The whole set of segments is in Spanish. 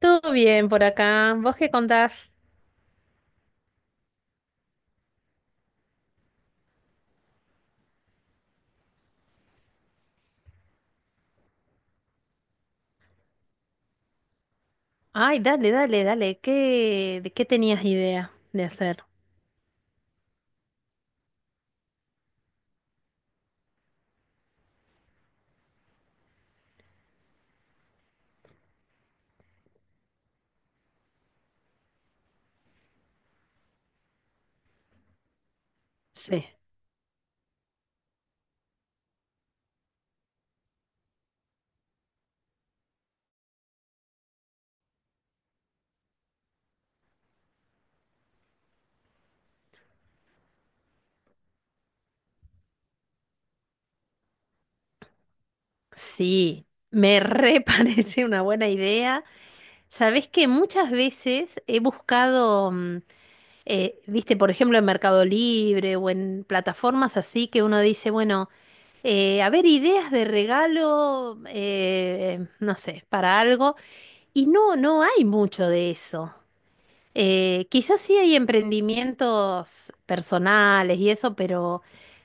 Todo bien por acá. ¿Vos qué contás? Ay, dale, dale, dale. ¿Qué, de qué tenías idea de hacer? Sí. Sí, me re parece una buena idea. Sabés que muchas veces he buscado, viste, por ejemplo, en Mercado Libre o en plataformas así que uno dice, bueno, a ver, ideas de regalo, no sé, para algo. Y no hay mucho de eso. Quizás sí hay emprendimientos personales y eso, pero,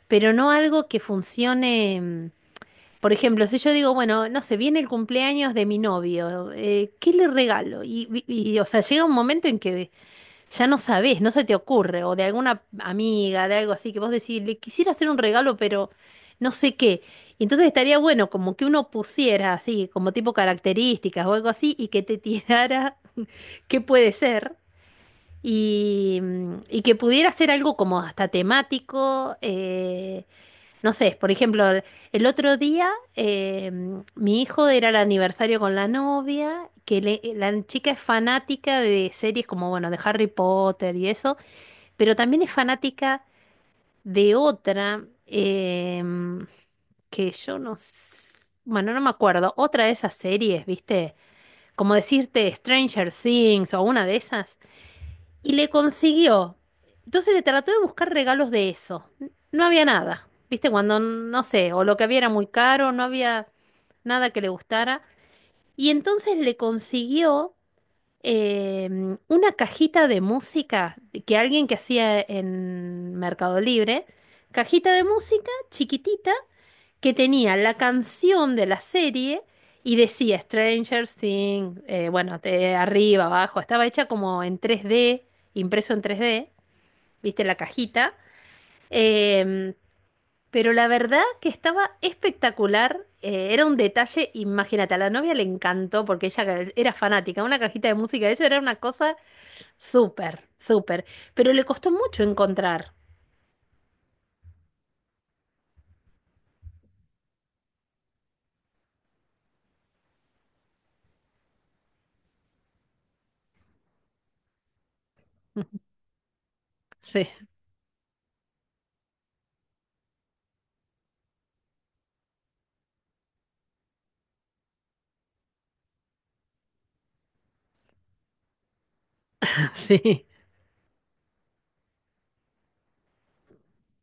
pero no algo que funcione. Por ejemplo, si yo digo, bueno, no sé, viene el cumpleaños de mi novio, ¿qué le regalo? O sea, llega un momento en que ya no sabés, no se te ocurre, o de alguna amiga, de algo así, que vos decís, le quisiera hacer un regalo, pero no sé qué. Y entonces estaría bueno como que uno pusiera así, como tipo características o algo así, y que te tirara qué puede ser. Y que pudiera ser algo como hasta temático, no sé, por ejemplo, el otro día mi hijo era el aniversario con la novia, la chica es fanática de series como, bueno, de Harry Potter y eso, pero también es fanática de otra que yo bueno, no me acuerdo, otra de esas series, ¿viste? Como decirte Stranger Things o una de esas y le consiguió. Entonces le trató de buscar regalos de eso. No había nada. ¿Viste? Cuando, no sé, o lo que había era muy caro, no había nada que le gustara. Y entonces le consiguió una cajita de música que alguien que hacía en Mercado Libre, cajita de música chiquitita que tenía la canción de la serie y decía Stranger Things, bueno, arriba, abajo, estaba hecha como en 3D, impreso en 3D, viste la cajita. Em, pero la verdad que estaba espectacular, era un detalle, imagínate, a la novia le encantó porque ella era fanática, una cajita de música, eso era una cosa súper, súper, pero le costó mucho encontrar. Sí, sí.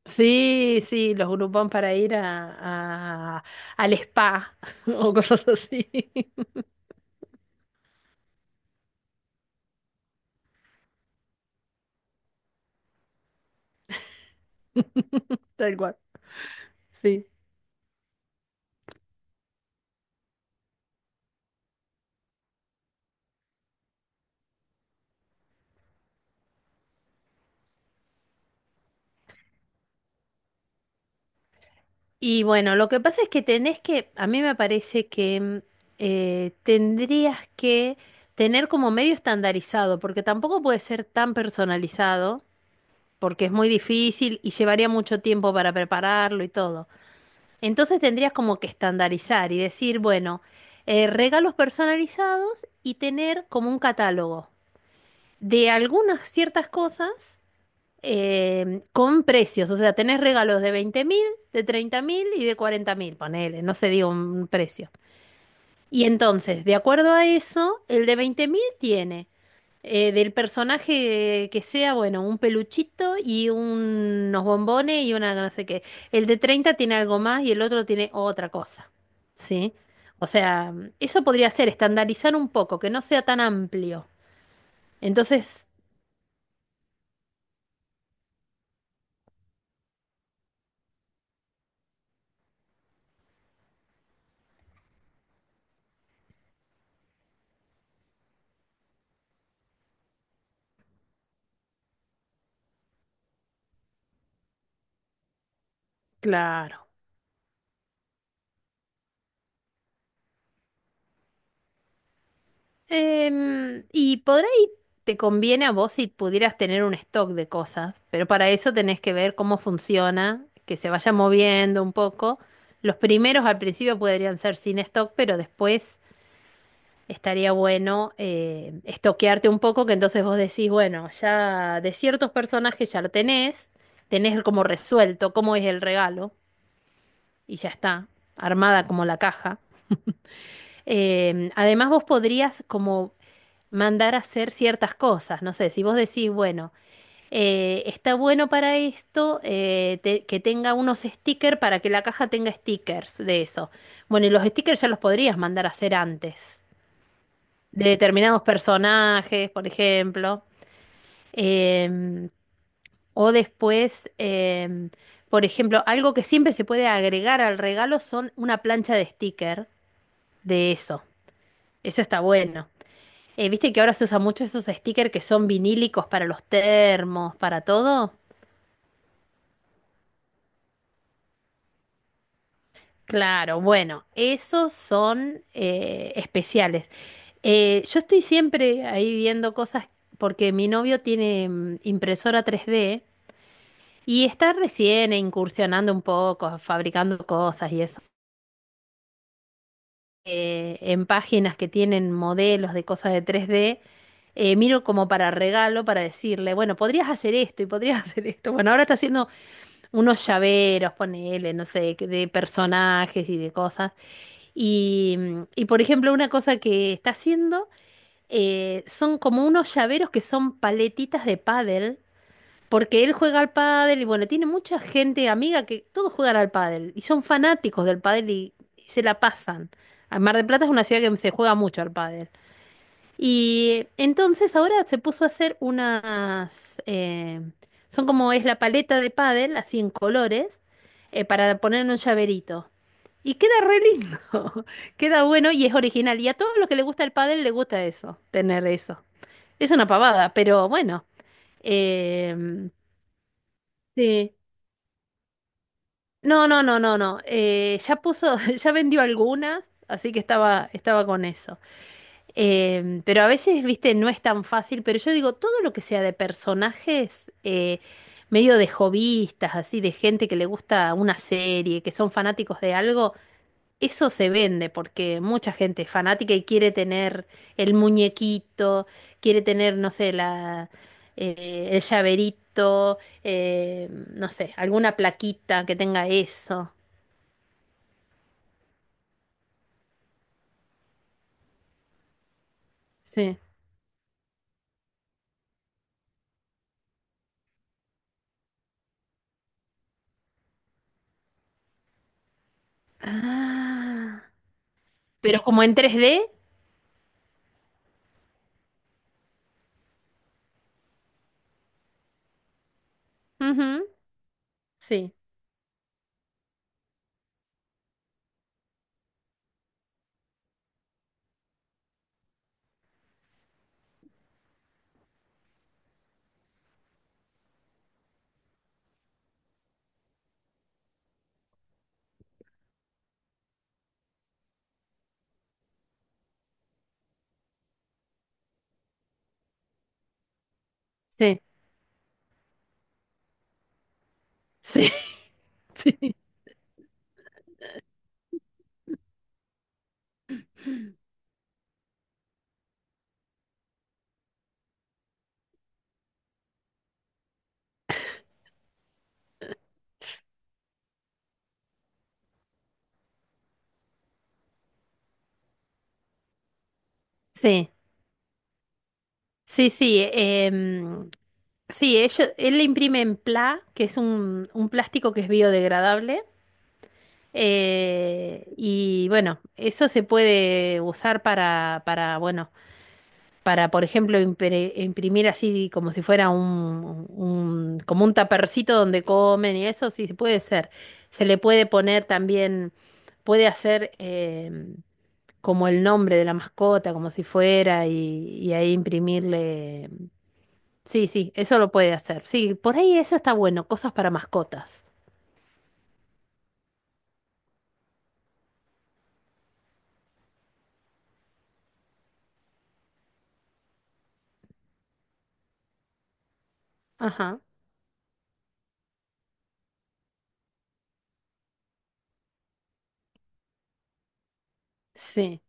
Sí, sí, los grupón para ir a, al spa o cosas así. Tal cual, sí. Y bueno, lo que pasa es a mí me parece que tendrías que tener como medio estandarizado, porque tampoco puede ser tan personalizado, porque es muy difícil y llevaría mucho tiempo para prepararlo y todo. Entonces tendrías como que estandarizar y decir, bueno, regalos personalizados y tener como un catálogo de algunas ciertas cosas con precios. O sea, tenés regalos de 20.000, de 30.000 y de 40.000, ponele, no se digo un precio. Y entonces, de acuerdo a eso, el de 20.000 tiene del personaje que sea, bueno, un peluchito y unos bombones y una no sé qué. El de 30 tiene algo más y el otro tiene otra cosa. ¿Sí? O sea, eso podría ser estandarizar un poco, que no sea tan amplio. Entonces, claro. Y por ahí te conviene a vos si pudieras tener un stock de cosas, pero para eso tenés que ver cómo funciona, que se vaya moviendo un poco. Los primeros al principio podrían ser sin stock, pero después estaría bueno estoquearte un poco, que entonces vos decís, bueno, ya de ciertos personajes ya lo tenés, tenés como resuelto cómo es el regalo y ya está, armada como la caja. Además vos podrías como mandar a hacer ciertas cosas. No sé, si vos decís, bueno, está bueno para esto que tenga unos stickers para que la caja tenga stickers de eso. Bueno, y los stickers ya los podrías mandar a hacer antes, de determinados personajes, por ejemplo. Em, o después, por ejemplo, algo que siempre se puede agregar al regalo son una plancha de sticker de eso. Eso está bueno. ¿Viste que ahora se usa mucho esos stickers que son vinílicos para los termos, para todo? Claro, bueno, esos son especiales. Yo estoy siempre ahí viendo cosas porque mi novio tiene impresora tres d y está recién incursionando un poco, fabricando cosas y eso. En páginas que tienen modelos de cosas de tres d miro como para regalo, para decirle, bueno, podrías hacer esto y podrías hacer esto. Bueno, ahora está haciendo unos llaveros, ponele, no sé, que de personajes y de cosas. Por ejemplo, una cosa que está haciendo son como unos llaveros que son paletitas de pádel, porque él juega al pádel y bueno, tiene mucha gente amiga que todos juegan al pádel y son fanáticos del pádel y se la pasan. Ah, Mar del Plata es una ciudad que se juega mucho al pádel. Y entonces ahora se puso a hacer unas, son como es la paleta de pádel, así en colores, para poner en un llaverito. Y queda re lindo, queda bueno y es original. Y a todos los que les gusta el pádel le gusta eso, tener eso. Es una pavada, pero bueno. em, sí. No, no, no, no, no. Ya puso, ya vendió algunas, así que estaba con eso. Pero a veces, viste, no es tan fácil, pero yo digo, todo lo que sea de personajes, medio de hobbyistas, así, de gente que le gusta una serie, que son fanáticos de algo, eso se vende porque mucha gente es fanática y quiere tener el muñequito, quiere tener, no sé, el llaverito, no sé, alguna plaquita que tenga eso. Sí. Ah, pero como en tres d ujú, sí. Sí. Sí, sí, sí, sí, sí. Sí, él le imprime en PLA, que es un plástico que es biodegradable. Y bueno, eso se puede usar bueno, para, por ejemplo, imprimir así como si fuera como un tapercito donde comen y eso, sí, sí puede ser. Se le puede poner también, puede hacer. Como el nombre de la mascota, como si fuera, y ahí imprimirle. Sí, sí, eso lo puede hacer. Sí, por ahí eso está bueno, cosas para mascotas. Ajá. Sí,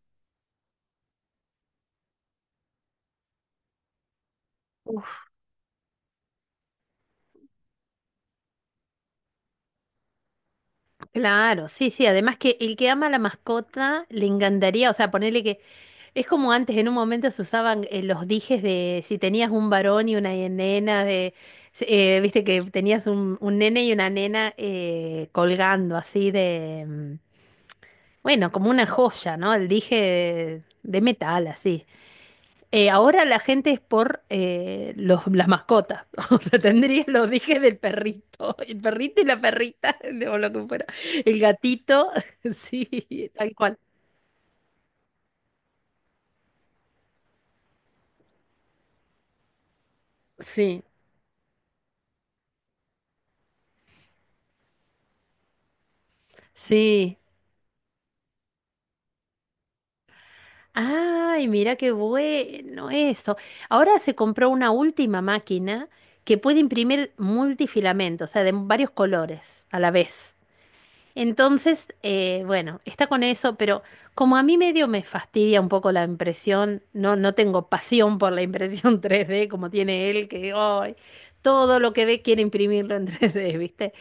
claro, sí, sí. Además que el que ama a la mascota le encantaría, o sea, ponerle que es como antes, en un momento se usaban los dijes de si tenías un varón y una nena, de si- viste que tenías un nene y una nena colgando así de, bueno, como una joya, ¿no? El dije de metal, así. Ahora la gente es por las mascotas. O sea, tendría los dijes del perrito. El perrito y la perrita, o lo que fuera. El gatito, sí, tal cual. Sí, sí. Ay, mira qué bueno eso. Ahora se compró una última máquina que puede imprimir multifilamento, o sea, de varios colores a la vez. Entonces, bueno, está con eso, pero como a mí medio me fastidia un poco la impresión, no tengo pasión por la impresión 3D como tiene él, que ay, todo lo que ve quiere imprimirlo en 3D, ¿viste?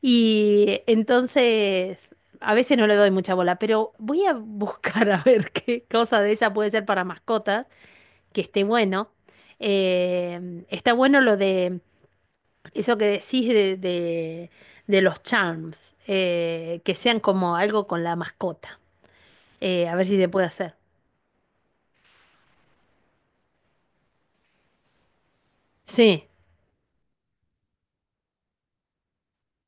Y entonces, a veces no le doy mucha bola, pero voy a buscar a ver qué cosa de ella puede ser para mascotas, que esté bueno. Está bueno lo de eso que decís de los charms, que sean como algo con la mascota. A ver si se puede hacer. Sí,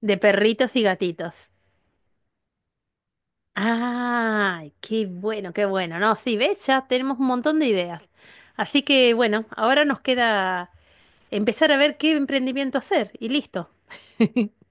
de perritos y gatitos. ¡Ay, qué bueno, qué bueno! No, sí, ves, ya tenemos un montón de ideas. Así que bueno, ahora nos queda empezar a ver qué emprendimiento hacer y listo.